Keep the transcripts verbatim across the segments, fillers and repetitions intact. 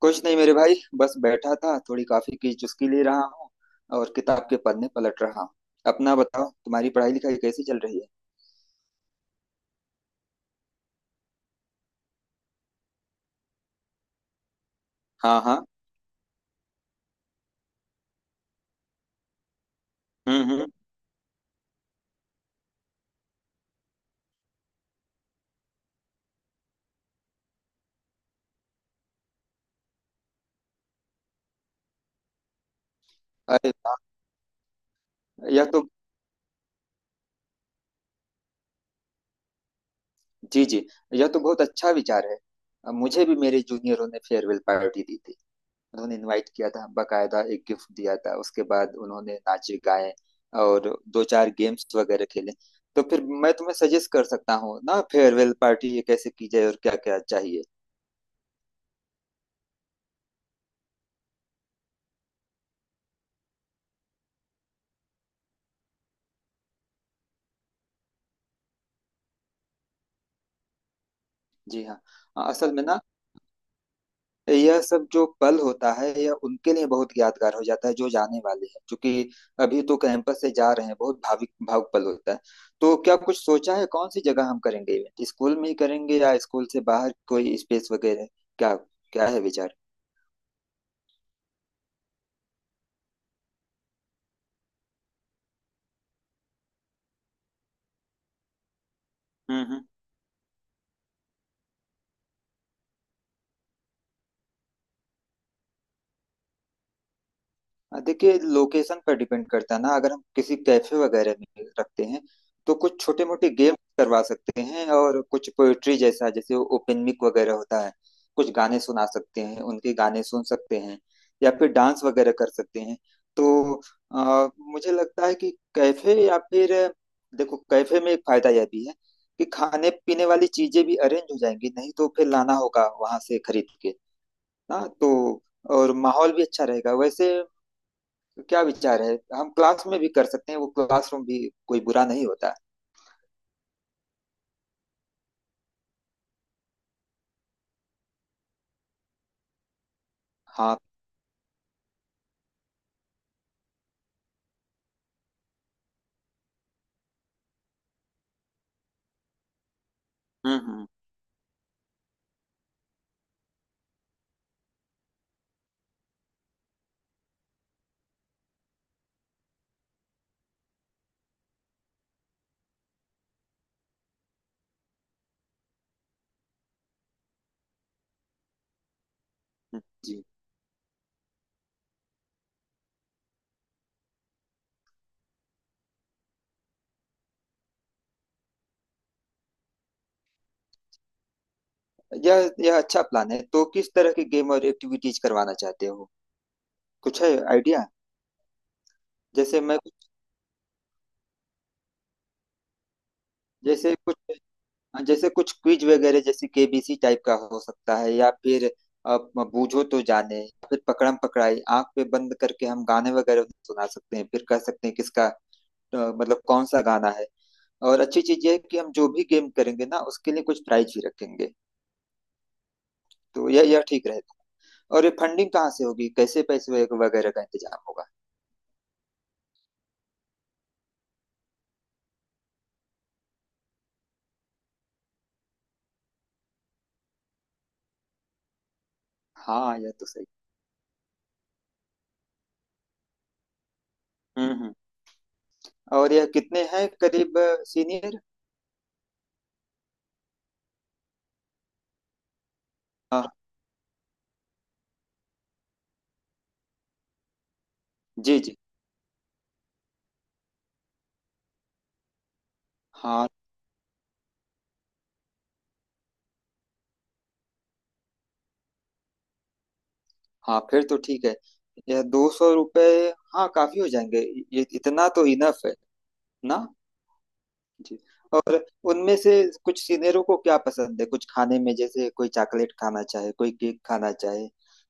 कुछ नहीं मेरे भाई, बस बैठा था, थोड़ी कॉफी की चुस्की ले रहा हूँ और किताब के पन्ने पलट रहा हूँ। अपना बताओ, तुम्हारी पढ़ाई लिखाई कैसी चल रही है? हाँ हाँ। हम्म हम्म। अरे वाह। यह तो, जी जी। यह तो बहुत अच्छा विचार है। अब मुझे भी मेरे जूनियरों ने फेयरवेल पार्टी दी थी। उन्होंने इनवाइट किया था, बाकायदा एक गिफ्ट दिया था, उसके बाद उन्होंने नाचे गाए और दो चार गेम्स वगैरह खेले। तो फिर मैं तुम्हें सजेस्ट कर सकता हूँ ना, फेयरवेल पार्टी ये कैसे की जाए और क्या क्या चाहिए। जी हाँ। अ, असल में ना, यह सब जो पल होता है यह उनके लिए बहुत यादगार हो जाता है, जो जाने वाले हैं, क्योंकि अभी तो कैंपस से जा रहे हैं, बहुत भावुक भावुक पल होता है। तो क्या कुछ सोचा है, कौन सी जगह हम करेंगे इवेंट, स्कूल में ही करेंगे या स्कूल से बाहर कोई स्पेस वगैरह, क्या क्या है विचार? हम्म हम्म। हाँ, देखिए लोकेशन पर डिपेंड करता है ना, अगर हम किसी कैफे वगैरह में रखते हैं तो कुछ छोटे मोटे गेम करवा सकते हैं, और कुछ पोएट्री जैसा, जैसे ओपन मिक वगैरह होता है, कुछ गाने सुना सकते हैं, उनके गाने सुन सकते हैं, या फिर डांस वगैरह कर सकते हैं। तो अ, मुझे लगता है कि कैफे, या फिर देखो कैफे में एक फायदा यह भी है कि खाने पीने वाली चीजें भी अरेंज हो जाएंगी, नहीं तो फिर लाना होगा वहां से खरीद के ना, तो और माहौल भी अच्छा रहेगा वैसे। तो क्या विचार है, हम क्लास में भी कर सकते हैं, वो क्लासरूम भी कोई बुरा नहीं होता। हाँ। हम्म हम्म। हम्म। जी। यह यह अच्छा प्लान है। तो किस तरह की गेम और एक्टिविटीज करवाना चाहते हो, कुछ है आइडिया? जैसे मैं जैसे कुछ जैसे कुछ क्विज वगैरह, जैसे केबीसी टाइप का हो सकता है, या फिर आप बूझो तो जाने, फिर पकड़म पकड़ाई, आंख पे बंद करके हम गाने वगैरह सुना सकते हैं, फिर कह सकते हैं किसका, अ, मतलब कौन सा गाना है। और अच्छी चीज यह है कि हम जो भी गेम करेंगे ना, उसके लिए कुछ प्राइज भी रखेंगे। तो यह यह ठीक रहेगा। और ये फंडिंग कहाँ से होगी, कैसे पैसे वग- वगैरह का इंतजाम होगा? हाँ यह तो सही। हम्म हम्म। और यह कितने हैं करीब, सीनियर? हाँ। जी जी। हाँ हाँ, फिर तो ठीक है। यह दो सौ रुपये, हाँ काफी हो जाएंगे। ये इतना तो इनफ है ना? जी। और उनमें से कुछ सीनियरों को क्या पसंद है कुछ खाने में, जैसे कोई चॉकलेट खाना चाहे, कोई केक खाना चाहे,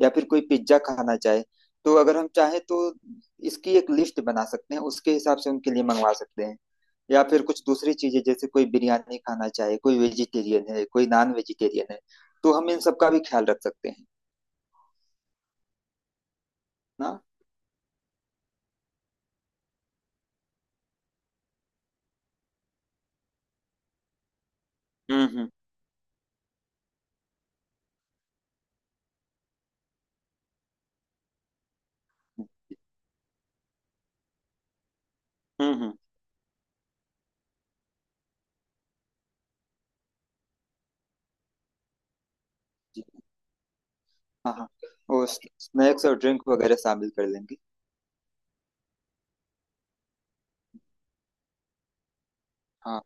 या फिर कोई पिज्जा खाना चाहे, तो अगर हम चाहें तो इसकी एक लिस्ट बना सकते हैं, उसके हिसाब से उनके लिए मंगवा सकते हैं। या फिर कुछ दूसरी चीजें, जैसे कोई बिरयानी खाना चाहे, कोई वेजिटेरियन है कोई नॉन वेजिटेरियन है, तो हम इन सब का भी ख्याल रख सकते हैं ना। हम्म हम्म। हम्म हम्म। जी। हाँ हाँ। और स्नैक्स और ड्रिंक वगैरह शामिल कर लेंगे। हाँ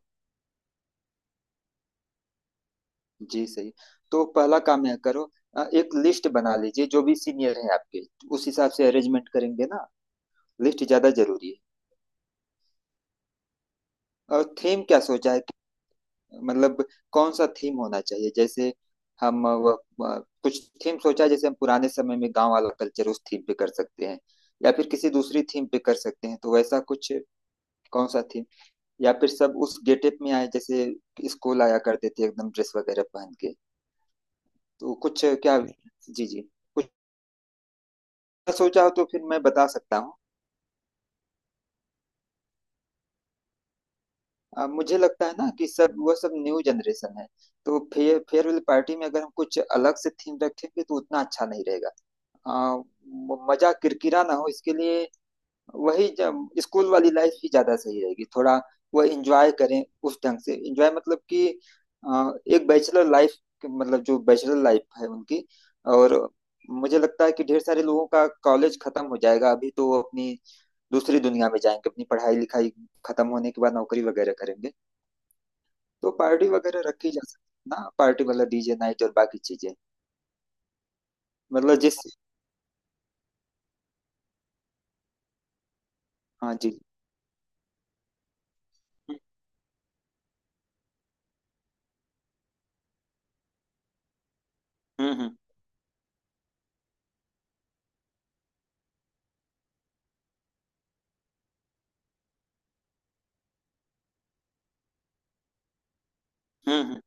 जी सही। तो पहला काम यह करो, अ, एक लिस्ट बना लीजिए जो भी सीनियर है आपके, उस हिसाब से अरेंजमेंट करेंगे ना, लिस्ट ज्यादा जरूरी है। और थीम क्या सोचा है कि- मतलब कौन सा थीम होना चाहिए, जैसे हम अ, व- अ, कुछ थीम सोचा है, जैसे हम पुराने समय में गांव वाला कल्चर उस थीम पे कर सकते हैं, या फिर किसी दूसरी थीम पे कर सकते हैं, तो वैसा कुछ, कौन सा थीम? या फिर सब उस गेटअप में आए जैसे स्कूल आया करते थे एकदम ड्रेस वगैरह पहन के, तो कुछ क्या, जी जी। सोचा हो तो फिर मैं बता सकता हूँ। अ, मुझे लगता है ना कि सब, वो सब न्यू जनरेशन है, तो फे, फेयरवेल पार्टी में अगर हम कुछ अलग से थीम रखेंगे तो उतना अच्छा नहीं रहेगा। अ, म- मजा किरकिरा ना हो इसके लिए, वही जब स्कूल वाली लाइफ ही ज्यादा सही रहेगी, थोड़ा वो एंजॉय करें, उस ढंग से एंजॉय मतलब कि अ, एक बैचलर लाइफ, मतलब जो बैचलर लाइफ है उनकी। और मुझे लगता है कि ढेर सारे लोगों का कॉलेज खत्म हो जाएगा अभी, तो वो अपनी दूसरी दुनिया में जाएंगे, अपनी पढ़ाई लिखाई खत्म होने के बाद नौकरी वगैरह करेंगे। तो पार्टी वगैरह रखी जा सकती है ना, पार्टी मतलब डीजे नाइट और बाकी चीजें। मतलब जिस, हाँ जी। हम्म हम्म। हम्म हम्म।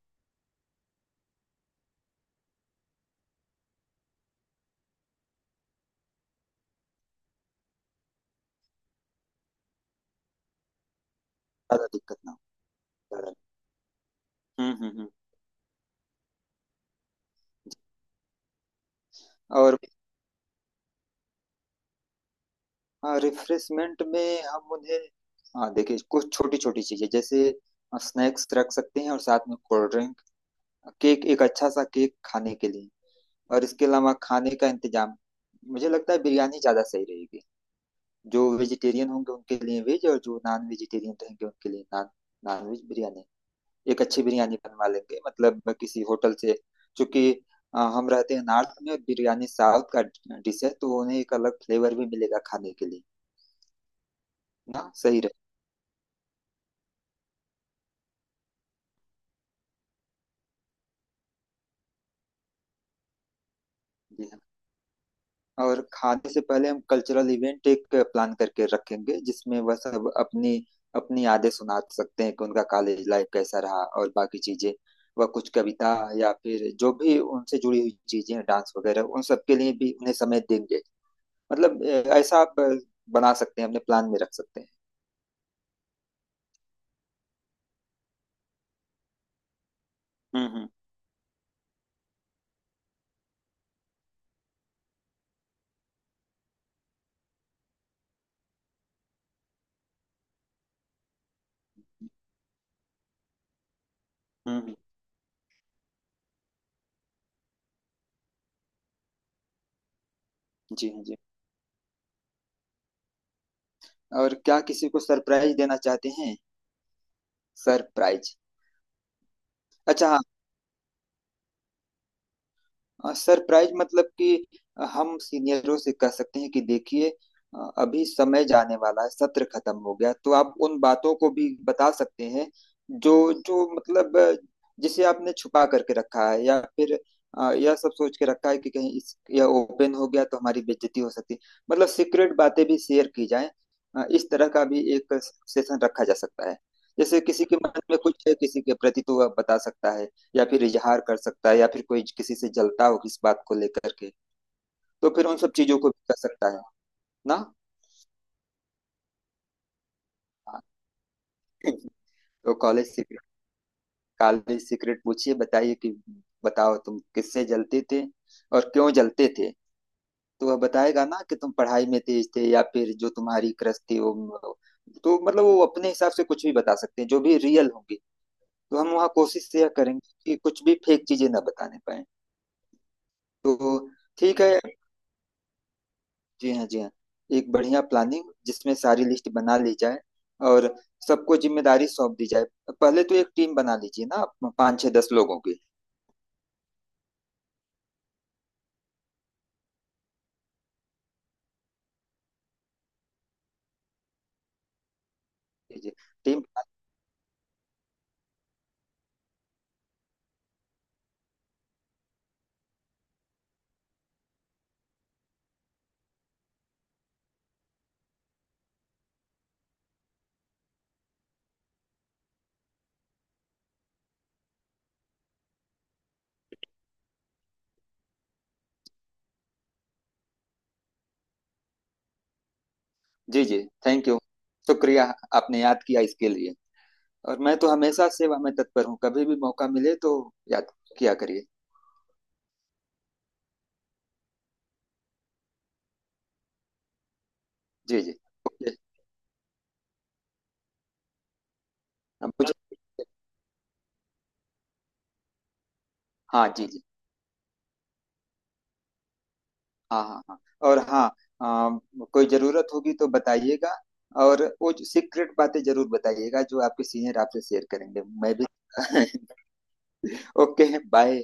ज्यादा दिक्कत ना हो, ज्यादा। हम्म हम्म हम्म। और हाँ, रिफ्रेशमेंट में हम उन्हें, हाँ देखिए कुछ छोटी छोटी चीजें, जैसे स्नैक्स रख सकते हैं, और साथ में कोल्ड ड्रिंक, केक, एक अच्छा सा केक खाने के लिए, और इसके अलावा खाने का इंतजाम, मुझे लगता है बिरयानी ज्यादा सही रहेगी, जो वेजिटेरियन होंगे उनके लिए वेज और जो नॉन वेजिटेरियन रहेंगे उनके लिए नॉन, नॉन वेज बिरयानी। एक अच्छी बिरयानी बनवा लेंगे मतलब किसी होटल से, क्योंकि अ, हम रहते हैं नॉर्थ में और बिरयानी साउथ का डिश है, तो उन्हें एक अलग फ्लेवर भी मिलेगा खाने के लिए। ना सही रहे। और खाने से पहले हम कल्चरल इवेंट एक प्लान करके रखेंगे, जिसमें वह सब अपनी अपनी यादें सुना सकते हैं कि उनका कॉलेज लाइफ कैसा रहा, और बाकी चीजें, वह कुछ कविता या फिर जो भी उनसे जुड़ी हुई चीजें, डांस वगैरह, उन सब के लिए भी उन्हें समय देंगे, मतलब अ, ऐसा आप अ, बना सकते हैं, अपने प्लान में रख सकते हैं। हम्म हम्म। हम्म हम्म। जी हाँ जी। और क्या किसी को सरप्राइज देना चाहते हैं, सरप्राइज? अच्छा। हाँ, सरप्राइज मतलब कि हम सीनियरों से कह सकते हैं कि देखिए, अ, अभी समय जाने वाला है, सत्र खत्म हो गया, तो आप उन बातों को भी बता सकते हैं जो, जो मतलब अ, जिसे आपने छुपा करके रखा है, या फिर अ, यह सब सोच के रखा है कि कहीं इस यह ओपन हो गया तो हमारी बेइज्जती हो सकती है, मतलब सीक्रेट बातें भी शेयर की जाएं। अ, इस तरह का भी एक सेशन रखा जा सकता है। जैसे किसी के मन में कुछ है किसी के प्रति तो वह बता सकता है, या फिर इजहार कर सकता है, या फिर कोई किसी से जलता हो किस बात को लेकर के, तो फिर उन सब चीजों को भी कर सकता है। ना हाँ। तो कॉलेज सीक्रेट, कॉलेज सीक्रेट पूछिए, बताइए कि बताओ तुम किससे जलते थे और क्यों जलते थे, तो वह बताएगा ना कि तुम पढ़ाई में तेज थे, या फिर जो तुम्हारी क्रश थी वो, तो मतलब वो अपने हिसाब से कुछ भी बता सकते हैं, जो भी रियल होंगी, तो हम वहाँ कोशिश यह करेंगे कि कुछ भी फेक चीजें ना बताने पाए। तो ठीक है। जी हाँ जी हाँ। एक बढ़िया प्लानिंग जिसमें सारी लिस्ट बना ली जाए और सबको जिम्मेदारी सौंप दी जाए। पहले तो एक टीम बना लीजिए ना आप, पाँच छः दस लोगों की। जी जी। टीम। जी जी। थैंक यू, शुक्रिया, आपने याद किया इसके लिए। और मैं तो हमेशा सेवा में तत्पर हूँ, कभी भी मौका मिले तो याद किया करिए। जी जी। ओके। अब मुझे, हाँ जी जी, हाँ हाँ हाँ। और हाँ, अम, कोई जरूरत होगी तो बताइएगा। और वो जो सीक्रेट बातें जरूर बताइएगा जो आपके सीनियर आपसे शेयर करेंगे, मैं भी ओके बाय।